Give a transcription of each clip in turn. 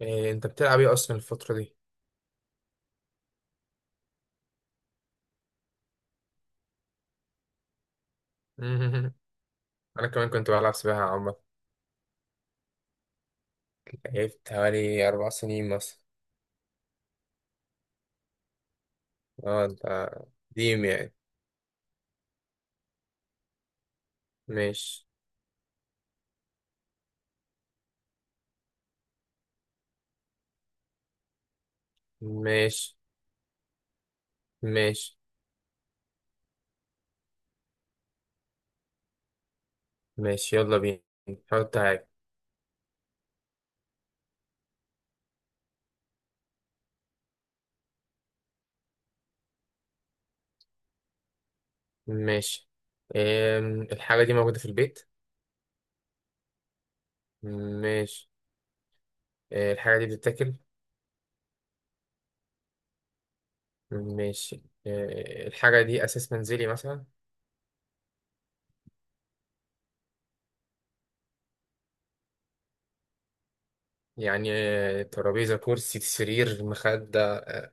إيه انت بتلعب ايه اصلا الفترة دي؟ انا كمان كنت بلعب سباحة عامة. لعبت حوالي 4 سنين مثلا. اه انت، قديم يعني. ماشي ماشي ماشي ماشي، يلا بينا. حط حاجة. ماشي، إيه الحاجة دي موجودة في البيت؟ ماشي، إيه الحاجة دي بتتاكل؟ ماشي، إيه الحاجة دي أساس منزلي مثلا؟ يعني إيه، ترابيزة كرسي سرير مخدة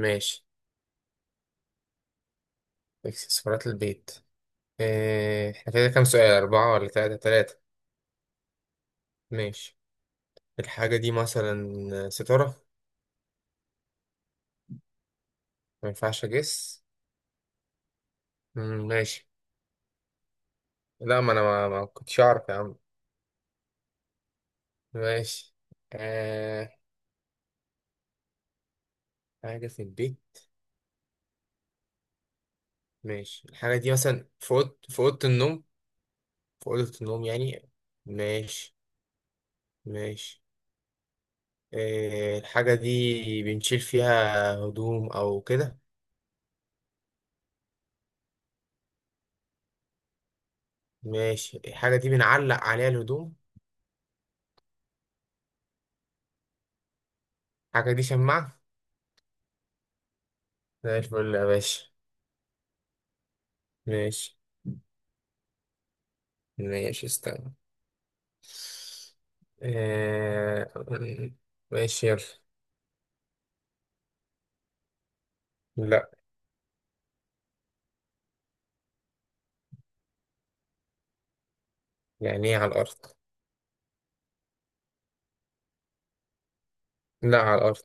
ماشي. اكسسوارات البيت. إيه، احنا كده كام سؤال؟ أربعة ولا تلاتة؟ تلاتة؟ ماشي. الحاجة دي مثلا ستارة. ما ينفعش أجس. مم، ماشي. لا، ما أنا ما كنتش أعرف يا عم. ماشي آه، حاجة في البيت. ماشي، الحاجة دي مثلا في أوضة، في أوضة النوم؟ في أوضة النوم يعني. ماشي ماشي. آه، الحاجة دي بنشيل فيها هدوم أو كده؟ ماشي، الحاجة دي بنعلق عليها الهدوم. الحاجة دي شماعة. زي الفل يا باشا. ماشي ماشي، استنى. آه... ماشي يلا. لا. يعني ايه على الأرض؟ لا، على الأرض.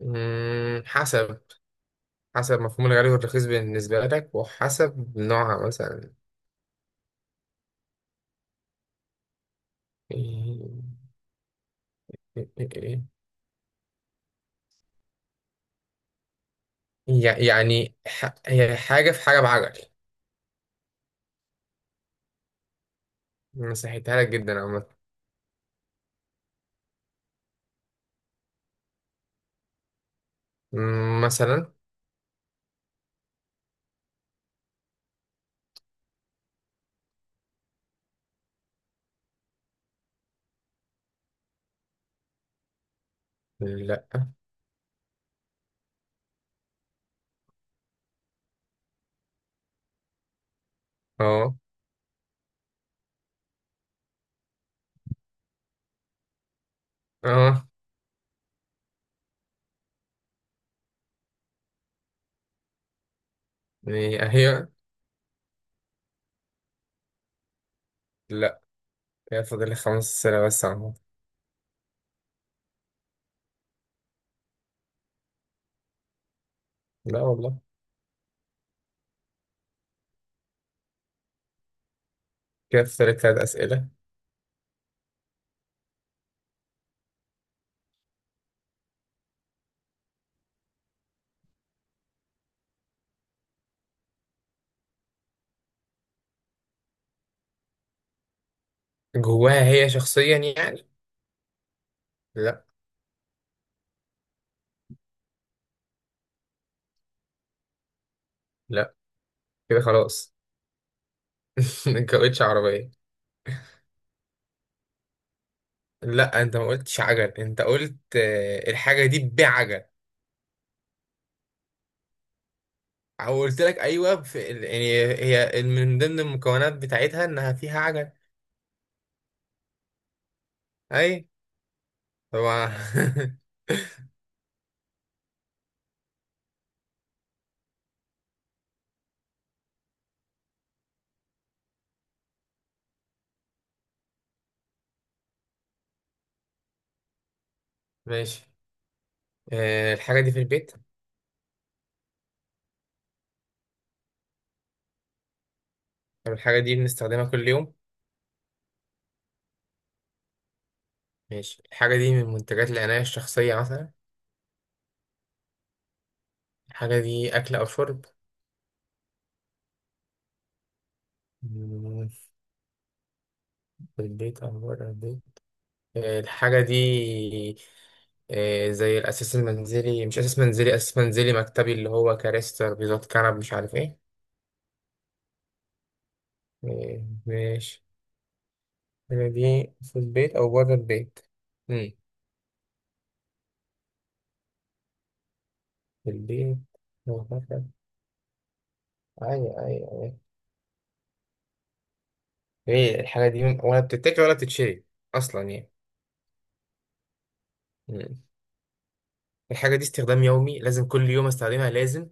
مم... حسب. حسب مفهوم الغالي والرخيص بالنسبة لك، وحسب نوعها مثلا. إيه- إيه- إيه- يعني هي حاجة في حاجة بعجل. مسحتها لك جدا عامة. مم، مثلا. لا. اه اه. إيه، هي. لا. كده فاضل لي 5 أسئلة بس عامة. لا والله. كده فاضل لي 3 أسئلة. جواها هي شخصيا يعني. لا. لا كده خلاص. انت قلتش عربية. لا، انت ما قلتش عجل، انت قلت الحاجة دي بعجل. او قلت لك ايوه، يعني هي من ضمن المكونات بتاعتها انها فيها عجل. اي طبعا. ماشي. الحاجة دي في البيت. طب الحاجة دي بنستخدمها كل يوم؟ ماشي، الحاجة دي من منتجات العناية الشخصية مثلا؟ الحاجة دي أكل أو شرب؟ مم، في البيت أو بره البيت. الحاجة دي إيه، زي الأساس المنزلي؟ مش أساس منزلي، أساس منزلي مكتبي، اللي هو كراسي ترابيزات كنب مش عارف إيه. إيه، ماشي. هنا دي في البيت أو بره البيت. مم. في البيت أو بره. أيوة أيوة أيوة. إيه الحاجة دي ولا بتتاكل ولا بتتشري أصلا يعني؟ مم. الحاجة دي استخدام يومي؟ لازم كل يوم أستخدمها لازم؟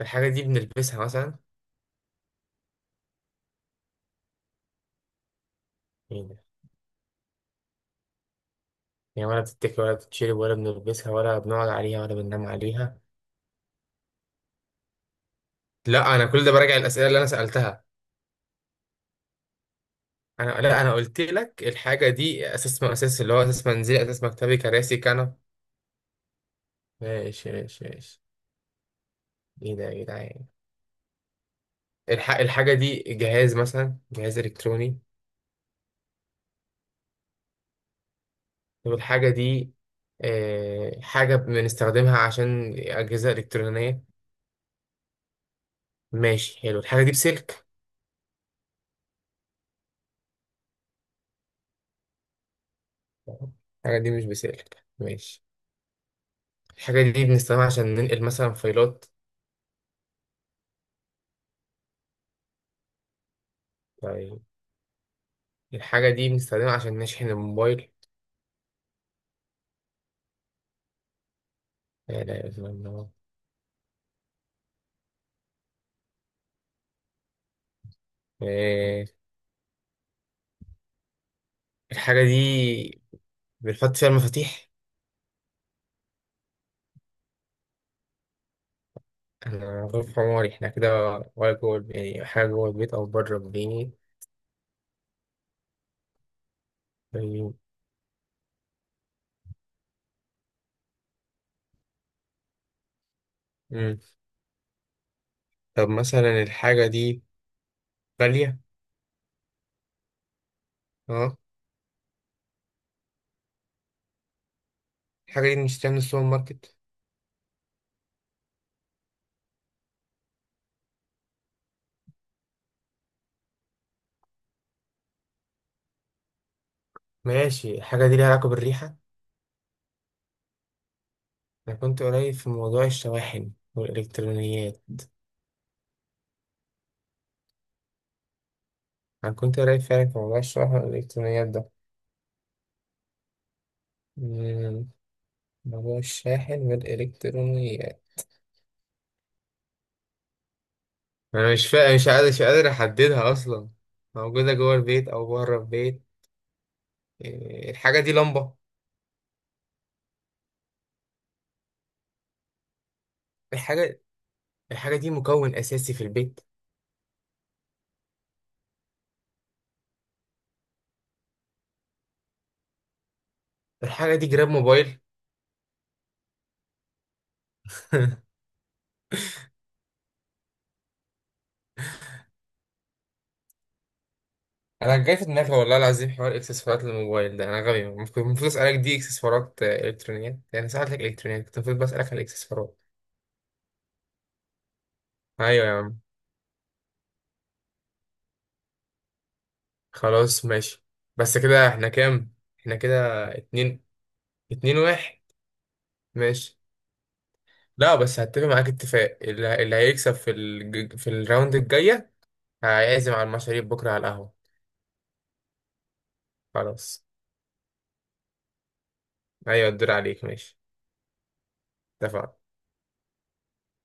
الحاجة دي بنلبسها مثلا؟ إيه ده؟ يعني ولا بتتاكل ولا بتتشرب ولا بنلبسها ولا بنقعد عليها ولا بننام عليها؟ لا، أنا كل ده براجع الأسئلة اللي أنا سألتها. لا انا قلت لك الحاجه دي اساس، من اساس اللي هو اساس منزلي اساس مكتبي كراسي كنب. ماشي ماشي ماشي. ايه ده يا جدعان. الحاجه دي جهاز مثلا؟ جهاز الكتروني؟ طب الحاجه دي حاجه بنستخدمها عشان اجهزه الكترونيه؟ ماشي حلو. الحاجه دي بسلك؟ الحاجه دي مش بسلك، ماشي. الحاجه دي بنستخدمها عشان ننقل مثلا فايلات؟ طيب، الحاجه دي بنستخدمها عشان نشحن الموبايل؟ لا لا، إله إلا الله. آه، الحاجة دي بنحط فيها المفاتيح؟ أنا غرفة عماري إحنا كده. ولا يعني حاجة جوه البيت أو بره البيت؟ طيب. مم. طب مثلا الحاجة دي غالية؟ أه. الحاجة دي بنشتريها من السوبر ماركت؟ ماشي، الحاجة دي ليها علاقة بالريحة؟ أنا كنت قريب في موضوع الشواحن والإلكترونيات. أنا كنت قريب فعلا في موضوع الشواحن والإلكترونيات ده. مم. موضوع الشاحن والإلكترونيات. أنا مش قادر، مش قادر أحددها أصلا. موجودة جوه البيت أو بره البيت. إيه، الحاجة دي لمبة؟ الحاجة، الحاجة دي مكون أساسي في البيت؟ الحاجة دي جراب موبايل؟ أنا جاي في دماغي والله العظيم حوار إكسسوارات الموبايل ده، أنا غبي. المفروض المفروض أسألك دي إكسسوارات إلكترونيات، يعني سألتك إلكترونيات، كنت المفروض بسألك على الإكسسوارات. أيوة يا عم. خلاص ماشي. بس كده إحنا كام؟ إحنا كده اتنين. اتنين واحد. ماشي. لا بس هتفق معاك اتفاق، اللي هيكسب في الراوند الجاية هيعزم على المشاريب بكرة على القهوة. خلاص. أيوة الدور عليك ماشي. اتفقنا.